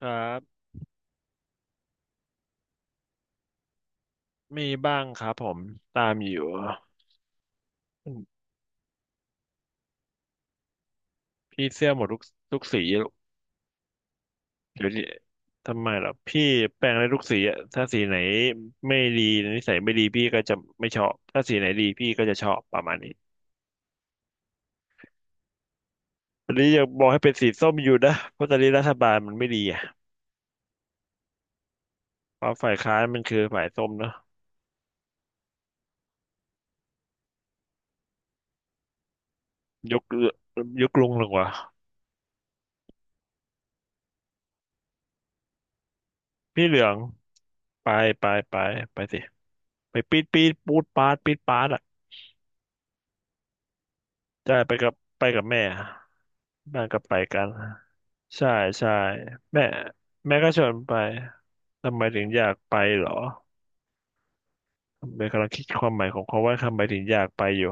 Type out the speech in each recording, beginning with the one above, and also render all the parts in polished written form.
ครับมีบ้างครับผมตามอยู่พี่เสื้อหมดทุกสีเดี๋ยวดิทำไมล่ะพี่แปลงได้ทุกสีอะถ้าสีไหนไม่ดีนิสัยไม่ดีพี่ก็จะไม่ชอบถ้าสีไหนดีพี่ก็จะชอบประมาณนี้วันนี้อยากบอกให้เป็นสีส้มอยู่นะเพราะตอนนี้รัฐบาลมันไม่ดีอ่ะเพราะฝ่ายค้านมันคือฝ่ายส้มเนอะยกยกลุงลงวะพี่เหลืองไปไปไปไปสิไปปีดปีดปูดปาดปีดปาดอ่ะ ได้ไปกับแม่บ้านก็ไปกันใช่ใช่แม่แม่ก็ชวนไปทำไมถึงอยากไปเหรอเบนกำลังคิดความหมายของคำว่าทำไมถึงอยากไปอยู่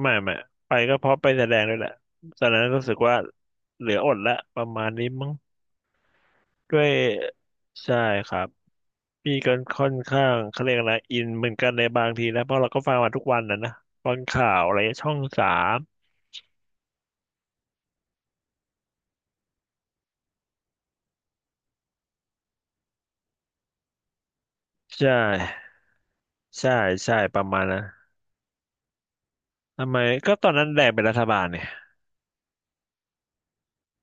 ไม่ไม่ไปก็เพราะไปแสดงด้วยแหละตอนนั้นรู้สึกว่าเหลืออดละประมาณนี้มั้งด้วยใช่ครับพี่ก็ค่อนข้างเขาเรียกอะไรอินเหมือนกันในบางทีนะเพราะเราก็ฟังมาทุกวันนะนะฟังข่าวอะไรช่องสามใช่ใช่ใช่ประมาณนั้น ทำไมก็ตอนนั้นแดงเป็นรัฐบาลเนี่ย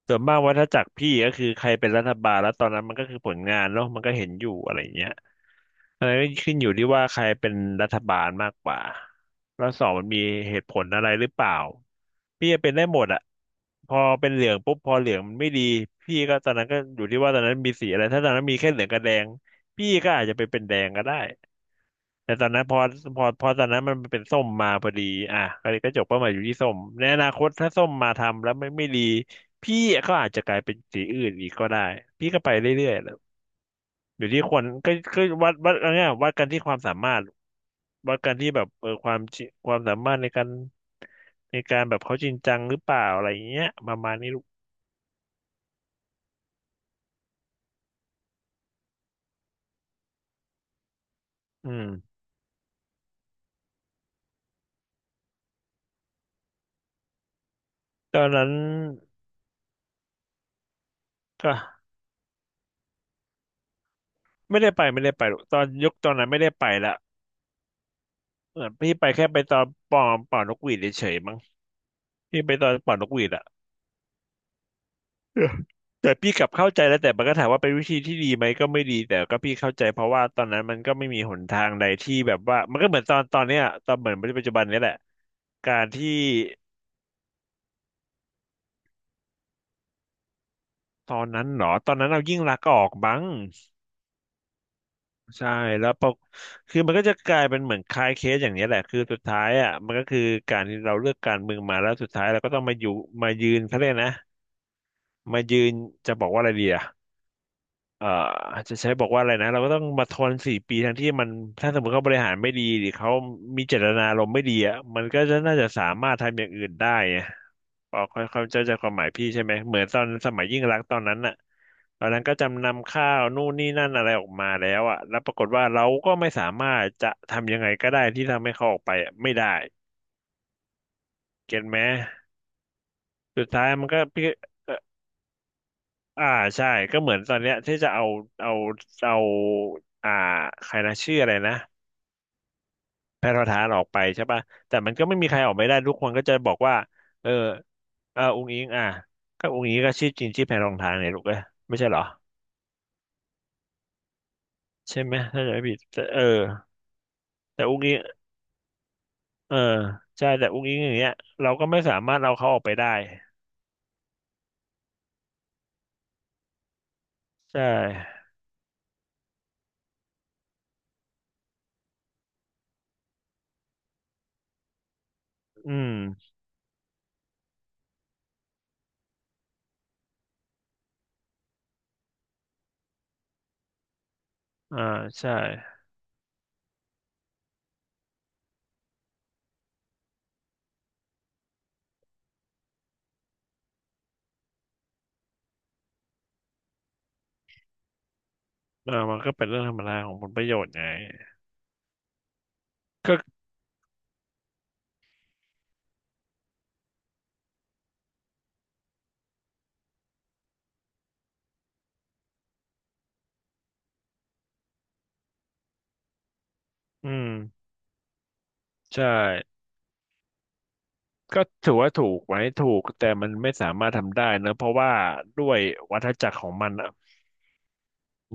ส่วนมากวัฏจักรพี่ก็คือใครเป็นรัฐบาลแล้วตอนนั้นมันก็คือผลงานเนาะมันก็เห็นอยู่อะไรอย่างเงี้ยอะไรก็ขึ้นอยู่ที่ว่าใครเป็นรัฐบาลมากกว่าแล้วสองมันมีเหตุผลอะไรหรือเปล่าพี่จะเป็นได้หมดอะพอเป็นเหลืองปุ๊บพอเหลืองมันไม่ดีพี่ก็ตอนนั้นก็อยู่ที่ว่าตอนนั้นมีสีอะไรถ้าตอนนั้นมีแค่เหลืองกับแดงพี่ก็อาจจะไปเป็นแดงก็ได้ แต่ตอนนั้นพอตอนนั้นมันเป็นส้มมาพอดีอ่ะก็เลยก็จบเป้าหมายอยู่ที่ส้มในอนาคตถ้าส้มมาทำแล้วไม่ดีพี่ก็อาจจะกลายเป็นสีอื่นอีกก็ได้พี่ก็ไปเรื่อยๆแหล้วอยู่ที่คนก็วัดอะไรเงี้ยวัดกันที่ความสามารถวัดกันที่แบบเออความสามารถในการแบบเขาจริงจังหรือเปล่าอะไรอย่างเงี้ยประมาณนี้ลูกอืมตอนนั้นก็ไม่ได้ไปหรอกตอนนั้นไม่ได้ไปละเหมือนพี่ไปแค่ไปตอนนกหวีดเฉยๆมั้ง ที่ไปตอนเป่านกหวีดอ่ะเออแต่พี่กลับเข้าใจแล้วแต่มันก็ถามว่าเป็นวิธีที่ดีไหมก็ไม่ดีแต่ก็พี่เข้าใจเพราะว่าตอนนั้นมันก็ไม่มีหนทางใดที่แบบว่ามันก็เหมือนตอนเนี้ยตอนเหมือนปัจจุบันเนี้ยแหละการที่ตอนนั้นเหรอตอนนั้นเรายิ่งลักษณ์ออกบ้างใช่แล้วคือมันก็จะกลายเป็นเหมือนคลายเคสอย่างเนี้ยแหละคือสุดท้ายอ่ะมันก็คือการที่เราเลือกการเมืองมาแล้วสุดท้ายเราก็ต้องมาอยู่มายืนเขาเรียกนะมายืนจะบอกว่าอะไรดีอ่ะ เอ่อจะใช้บอกว่าอะไรนะเราก็ต้องมาทนสี่ปีทั้งที่มันถ้าสมมติเขาบริหารไม่ดีหรือเขามีเจตนารมณ์ไม่ดีอ่ะมันก็จะน่าจะสามารถทำอย่างอื่นได้ไงพอค่อยเข้าใจความหมายพี่ใช่ไหมเหมือนตอนสมัยยิ่งรักษณ์ตอนนั้นน่ะตอนนั้นก็จำนำข้าวนู่นนี่นั่นอะไรออกมาแล้วอ่ะแล้วปรากฏว่าเราก็ไม่สามารถจะทำยังไงก็ได้ที่ทำให้เขาออกไปอะไม่ได้เก็ตไหมสุดท้ายมันก็พี่เอ่ออ่าใช่ก็เหมือนตอนเนี้ยที่จะเอาเอาอ่าใครนะชื่ออะไรนะ แพทประธานออกไปใช่ป่ะแต่มันก็ไม่มีใครออกไม่ได้ทุกคนก็จะบอกว่าเออเอออุงค์อิงอ่ะก็อุงค์อิงก็ชื่อจริงชื่อแพรรองทานเนี่ยลูกเอ้ยไม่ใช่เหรอใช่ไหมถ้าจะไม่ผิดแต่เออแต่อุงอิงเออใช่แต่อุงอิงอย่างเงี้ยเราก็ไม่สามารถเอาเขาออกไปได้ใช่อืมอ่าใช่เออมันก็เป็นเรื่องธรรมดาของผลประโยชน์ไงก็อืมใช่ก็ถือว่าถูกไหมถูกแต่มันไม่สามารถทำได้เนอะเพราะว่าด้วยวัฏจักรของมัน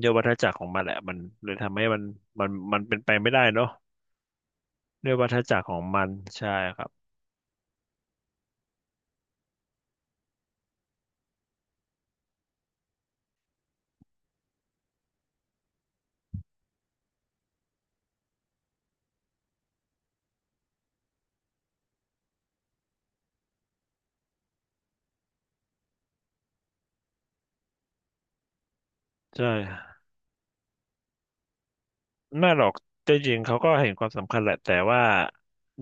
ด้วยวัฏจักรของมันแหละมันเลยทำให้มันเป็นไปไม่ได้เนาะด้วยวัฏจักรของมันใช่ครับใช่น่หรอกแต่จริงเขาก็เห็นความสำคัญแหละแต่ว่า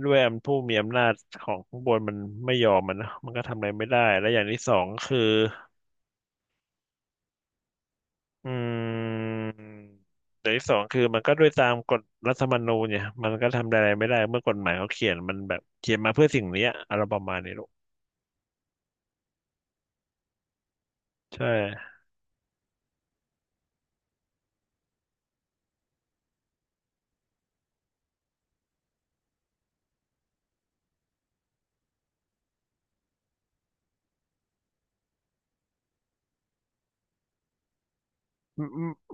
ด้วยอำผู้มีอำนาจของข้างบนมันไม่ยอมมันนะมันก็ทำอะไรไม่ได้และอย่างที่สองคืออืมอย่างที่สองคือมันก็ด้วยตามกฎรัฐธรรมนูญเนี่ยมันก็ทำอะไรไม่ได้เมื่อกฎหมายเขาเขียนมันแบบเขียนมาเพื่อสิ่งเนี้ยอะไรประมาณนี้ลูกใช่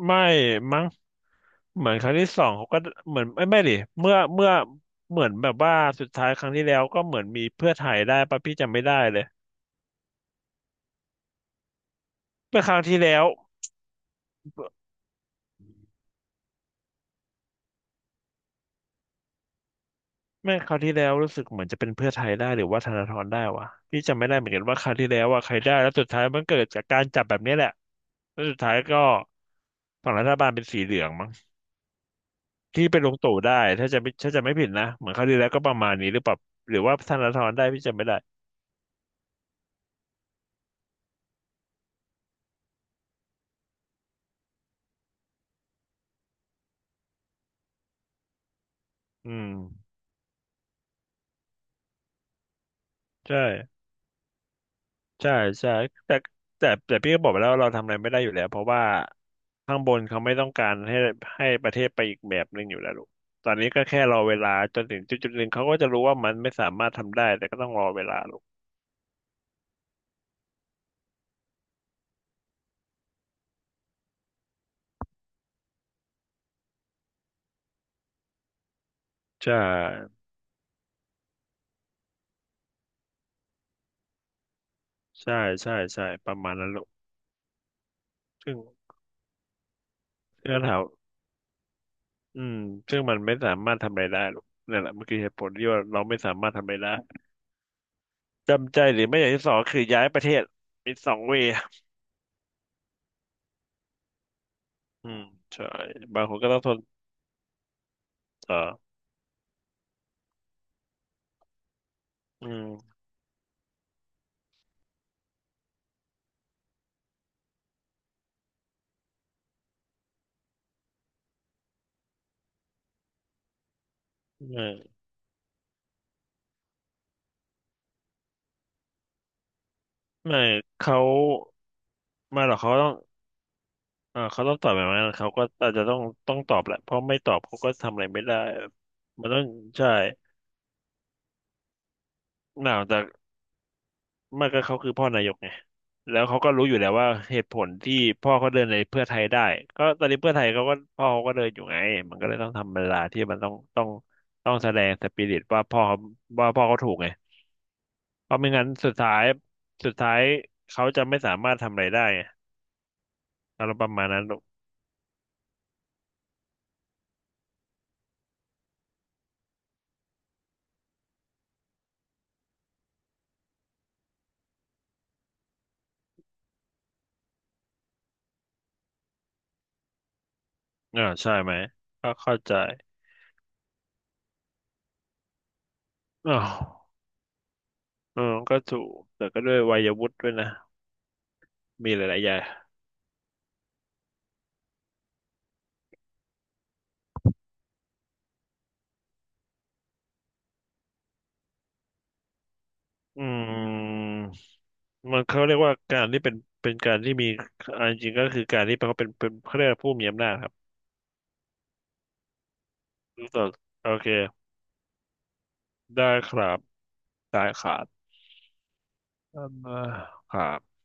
ไม่มั้ง เหมือนครั้งที่สองเขาก็เหมือนไม่ดิเมื่อเหมือนแบบว่าสุดท้ายครั้งที่แล้วก็เหมือนมีเพื่อไทยได้ปะพี่จำไม่ได้เลยเมื่อครั้งที่แล้วเมื่อครั้งที่แล้วรู้สึกเหมือนจะเป็นเพื่อไทยได้หรือว่าธนาธรได้วะพี่จำไม่ได้เหมือนกันว่าครั้งที่แล้วว่าใครได้แล้วสุดท้ายมันเกิดจากการจับแบบนี้แหละแล้วสุดท้ายก็ฝั่งรัฐบาลเป็นสีเหลืองมั้งที่เป็นลุงตู่ได้ถ้าจะไม่ผิดนะเหมือนครั้งที่แล้วก็ประมาณนี้หรือเปล่าหรือว่าธนาธรได้พี่จำไม่ได้อืมใช่ ใช่ใช่แต่แต่แต่พี่ก็บอกไปแล้วว่าเราทำอะไรไม่ได้อยู่แล้วเพราะว่าข้างบนเขาไม่ต้องการให้ให้ประเทศไปอีกแบบหนึ่งอยู่แล้วลูกตอนนี้ก็แค่รอเวลาจนถึงจุดจุดหนึ่งเขาก็จะรู้ว่ามันไม่สามารถทำได้แต่ก็ต้องรอเวลาลูกใช่ใช่ใช่ใช่ประมาณนั้นลูกซึ่งเรื่องถามอืมซึ่งมันไม่สามารถทำอะไรได้ลูกนั่นแหละมันคือเหตุผลที่ว่าเราไม่สามารถทำอะไรได้จำใจหรือไม่อย่างที่สองคือย้ายประเทศมีสองเวย์อืมใช่บางคนก็ต้องทนเอ่ออืม ไม่เขาไม่หรอกเขาต้องเออเขาต้องตอบแบบนั้นเขาก็อาจจะต้องตอบแหละเพราะไม่ตอบเขาก็ทำอะไรไม่ได้มันต้องใช่หนาวแต่ไม่ก็เขาคือพ่อนายกไงแล้วเขาก็รู้อยู่แล้วว่าเหตุผลที่พ่อเขาเดินในเพื่อไทยได้ก็ตอนนี้เพื่อไทยเขาก็พ่อเขาก็เดินอยู่ไงมันก็เลยต้องทำเวลาที่มันต้องแสดงสปิริตว่าพ่อเขาว่าพ่อเขาถูกไงเพราะไม่งั้นสุดท้ายสุดท้ายเขาจะไม่สามารถทำอะไรได้ไงอารมณ์ประมาณนั้นลูกอ่าใช่ไหมก็เข้าใจ อ้าวเออก็ถูกแต่ก็ด้วยวัยวุฒิด้วยนะมีหลายๆอย่างอืมมันเขาเรียกว่าการที่เป็นเป็นการที่มีอันจริงก็คือการที่เขาเป็นเขาเรียกว่าผู้มีอำนาจครับต่อโอเค ได้ครับได้ขาดอ่าครับ